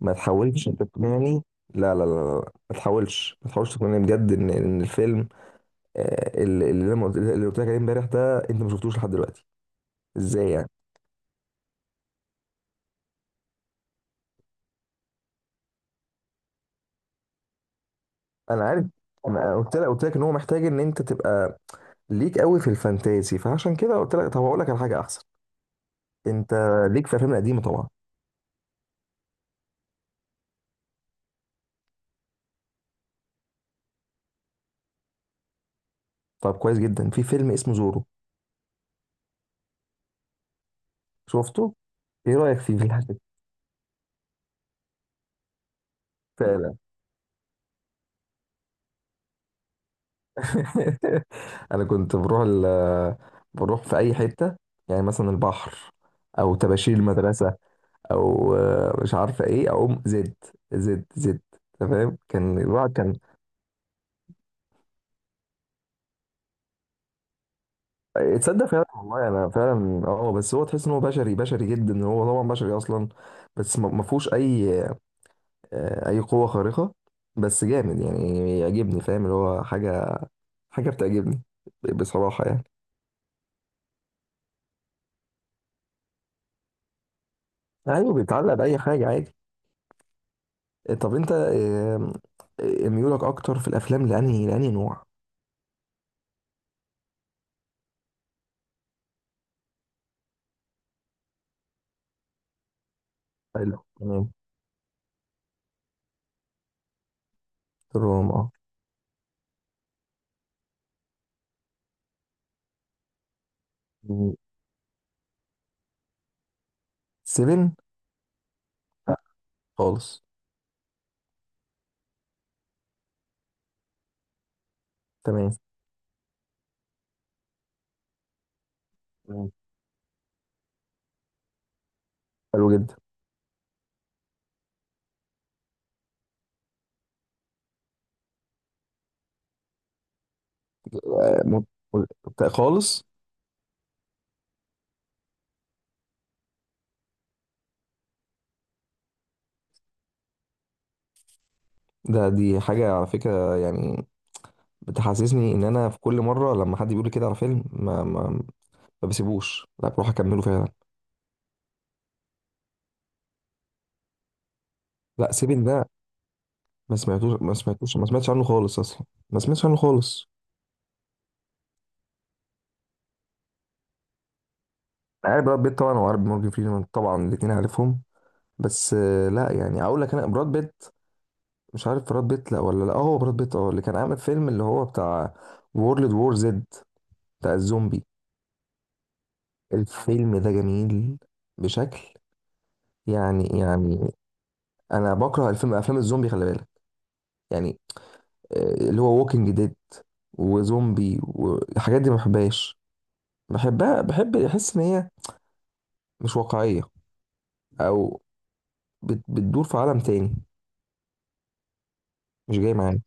ما تحاولش تقنعني. لا لا لا لا، ما تحاولش تقنعني بجد ان الفيلم اللي قلت لك عليه امبارح ده انت ما شفتوش لحد دلوقتي. ازاي يعني؟ انا عارف. انا قلت لك ان هو محتاج ان انت تبقى ليك قوي في الفانتازي، فعشان كده قلت لك طب هقول لك على حاجه احسن. انت ليك في الافلام القديمه طبعا. طب كويس جدا، في فيلم اسمه زورو. شفته؟ ايه رايك فيه؟ في الحاجه. انا كنت بروح بروح في اي حته، يعني مثلا البحر، او طباشير المدرسه، او مش عارفه ايه، اقوم زد زد زد. تمام كان الواحد كان. تصدق فعلا والله انا فعلا اه، بس هو تحس ان هو بشري، بشري جدا. هو طبعا بشري اصلا، بس ما فيهوش اي، اي قوه خارقه، بس جامد يعني، يعجبني فاهم، اللي هو حاجه، بتعجبني بصراحه يعني. ايوه بيتعلق باي حاجه عادي. طب انت ميولك اكتر في الافلام لانهي نوع؟ حلو تمام. الروم اه. سيفن. خالص. تمام. مم. حلو جدا. آه، م- خالص. ده دي حاجة على فكرة يعني، بتحسسني ان انا في كل مرة لما حد بيقول لي كده على فيلم، ما بسيبوش، لا بروح اكمله فعلا. لا سيفن ده ما سمعتش عنه خالص، اصلا ما سمعتش عنه خالص. عارف براد بيت طبعا، وعارف مورجان فريمان طبعا، الاتنين عارفهم. بس لا يعني اقول لك انا براد بيت، مش عارف براد بيت لا ولا لا، هو براد بيت اه اللي كان عامل فيلم اللي هو بتاع وورلد وور زد، بتاع الزومبي. الفيلم ده جميل بشكل يعني. انا بكره الفيلم، افلام الزومبي خلي بالك، يعني اللي هو ووكينج ديد وزومبي والحاجات دي، ما بحبهاش. بحبها، بحب احس ان هي مش واقعية، او بتدور في عالم تاني، مش جاي معايا.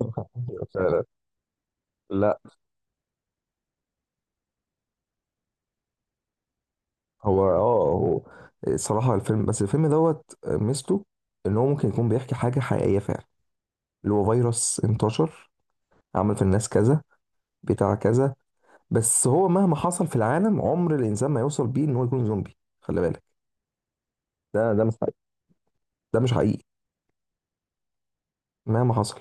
لا لا. هو اه، هو صراحة الفيلم، بس الفيلم دوت ميزته ان هو ممكن يكون بيحكي حاجة حقيقية فعلا، اللي هو فيروس انتشر، عمل في الناس كذا، بتاع كذا. بس هو مهما حصل في العالم عمر الانسان ما يوصل بيه ان هو يكون زومبي خلي بالك. ده مش حقيقي. ده مش حقيقي مهما حصل.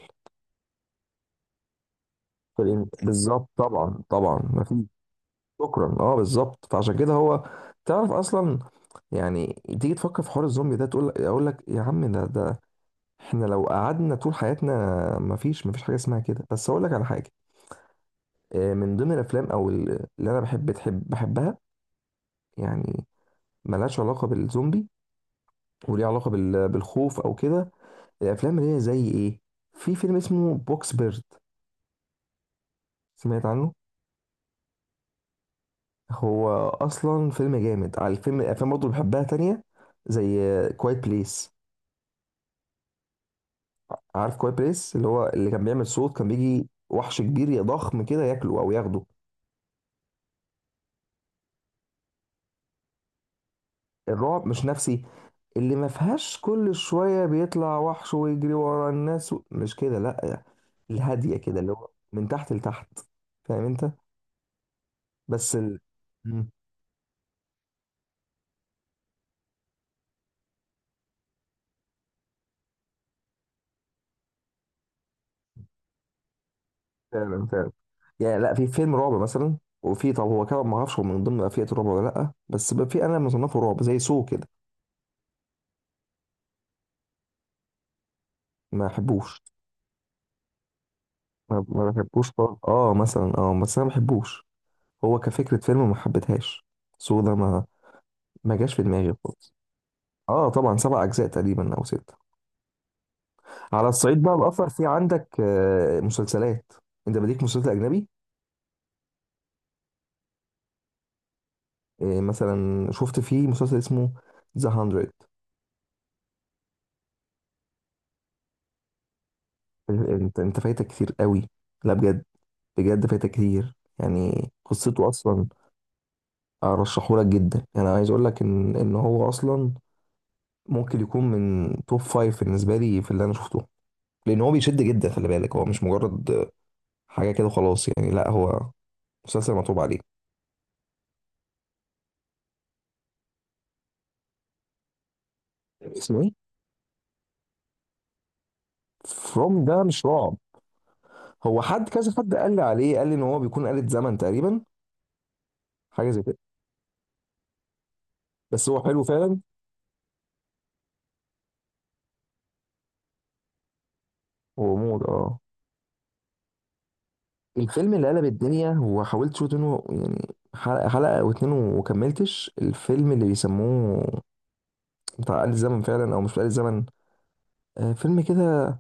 بالظبط، طبعا طبعا، ما في. شكرا اه بالظبط، فعشان كده هو تعرف اصلا، يعني تيجي تفكر في حوار الزومبي ده، تقول، اقول لك يا عم، ده احنا لو قعدنا طول حياتنا مفيش حاجه اسمها كده. بس اقول لك على حاجه، من ضمن الافلام اللي انا بحبها يعني، ملهاش علاقه بالزومبي وليها علاقه بالخوف او كده، الافلام اللي هي زي ايه، في فيلم اسمه بوكس بيرد. سمعت عنه. هو اصلا فيلم جامد. على الفيلم، الافلام برضه اللي بحبها تانية زي كوايت بليس. عارف كوايت بليس اللي هو اللي كان بيعمل صوت كان بيجي وحش كبير يا ضخم كده ياكله او ياخده. الرعب مش نفسي، اللي ما فيهاش كل شوية بيطلع وحش ويجري ورا الناس مش كده لا، الهادية كده اللي هو من تحت لتحت، فاهم انت؟ بس مم. فعلا فعلا يعني. لا في فيلم رعب مثلا، وفي طب هو كده ما اعرفش هو من ضمن فئة الرعب ولا لا، بس بقى في، انا مصنفه رعب، زي سو كده. ما بحبوش، ما بحبوش خالص اه، مثلا اه بس انا ما بحبوش. هو كفكرة فيلم ما حبيتهاش. سو ده ما ما جاش في دماغي خالص. اه طبعا 7 اجزاء تقريبا او ست. على الصعيد بقى الاخر، في عندك مسلسلات، انت بديك مسلسل اجنبي؟ مثلا شفت فيه مسلسل اسمه ذا 100. انت فايتك كتير قوي، لا بجد، بجد فايتك كتير، يعني قصته اصلا. ارشحه لك جدا، يعني انا عايز اقول لك ان هو اصلا ممكن يكون من توب فايف بالنسبه لي في اللي انا شفته، لان هو بيشد جدا خلي بالك، هو مش مجرد حاجه كده خلاص يعني، لا هو مسلسل مطلوب عليه. اسمه ايه؟ فروم ده مش رعب. هو حد كذا، حد قال لي عليه، قال لي ان هو بيكون آلة زمن تقريبا، حاجه زي كده، بس هو حلو فعلا. هو موت اه. الفيلم اللي قلب الدنيا هو حاولت شوط منه يعني حلقه حلقه او اتنين، وكملتش. الفيلم اللي بيسموه بتاع آلة زمن فعلا، او مش بتاع آلة زمن، آه فيلم كده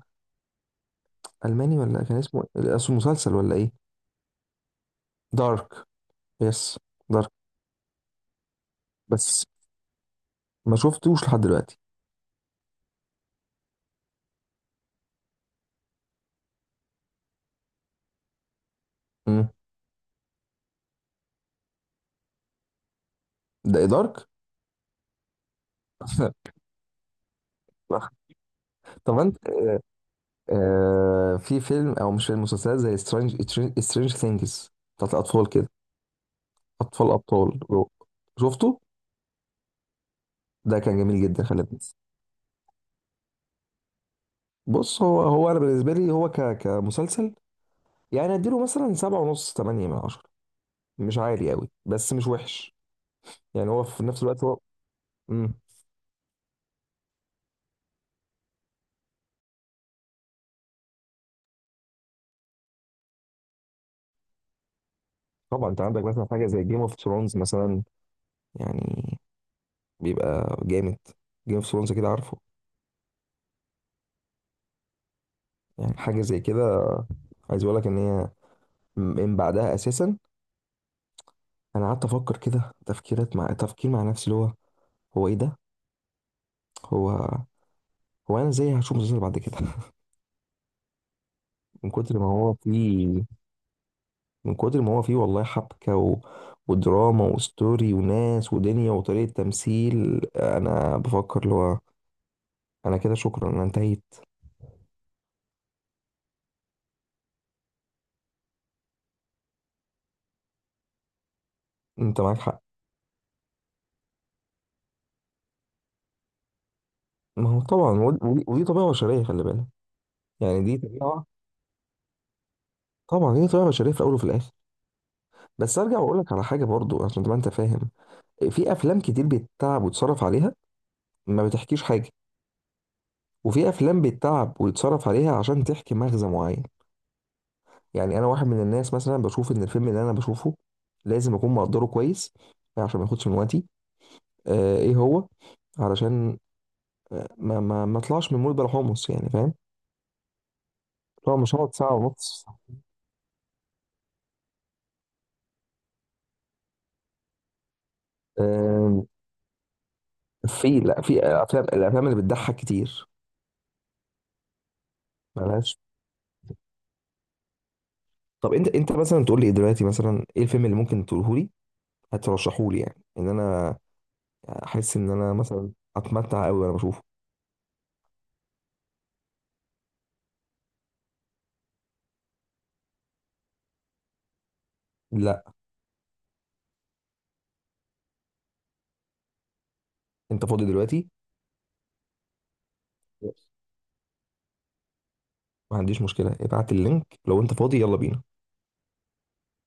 الماني، ولا كان اسمه إيه؟ اسمه مسلسل ولا ايه؟ دارك. يس، دارك. بس ما شفتوش لحد دلوقتي. امم، ده إيه دارك؟ طب انت، آه في فيلم او مش فيلم، مسلسلات زي سترينج، سترينج ثينجز بتاعت الاطفال كده، اطفال ابطال. شفته. ده كان جميل جدا خلي بالك. بص هو، انا بالنسبه لي هو كمسلسل يعني، اديله مثلا 7.5 8/10، مش عالي قوي بس مش وحش، يعني هو في نفس الوقت هو مم. طبعا انت عندك مثلا حاجه زي جيم اوف ثرونز مثلا، يعني بيبقى جامد. جيم اوف ثرونز كده عارفه؟ يعني حاجه زي كده. عايز اقول لك ان هي من بعدها اساسا انا قعدت افكر كده تفكيرات، مع تفكير مع نفسي اللي هو هو ايه ده، هو هو انا ازاي هشوف مسلسل بعد كده؟ من كتر ما هو فيه، من كتر ما هو فيه والله حبكة ودراما وستوري وناس ودنيا وطريقة تمثيل، انا بفكر اللي هو انا كده شكرا انا انتهيت. انت معاك حق. ما هو طبعا، ودي طبيعة بشرية خلي بالك، يعني دي طبيعة، طبعا هي طبيعة بشرية في الاول وفي الاخر. بس ارجع واقول لك على حاجة برضو عشان تبقى انت فاهم، في افلام كتير بتتعب وتصرف عليها ما بتحكيش حاجة، وفي افلام بتتعب ويتصرف عليها عشان تحكي مغزى معين. يعني انا واحد من الناس مثلا بشوف ان الفيلم اللي انا بشوفه لازم اكون مقدره كويس عشان ما ياخدش من وقتي، آه ايه هو علشان ما اطلعش من مود بلا حمص، يعني فاهم؟ هو مش هقعد ساعه ونص آه، في لا في افلام، الافلام اللي بتضحك كتير ملهاش. طب انت مثلا تقول لي دلوقتي مثلا ايه الفيلم اللي ممكن تقوله لي هترشحه لي، يعني ان انا احس ان انا مثلا اتمتع قوي وانا بشوفه؟ لا انت فاضي دلوقتي. ما عنديش مشكلة، ابعت اللينك لو انت فاضي يلا بينا.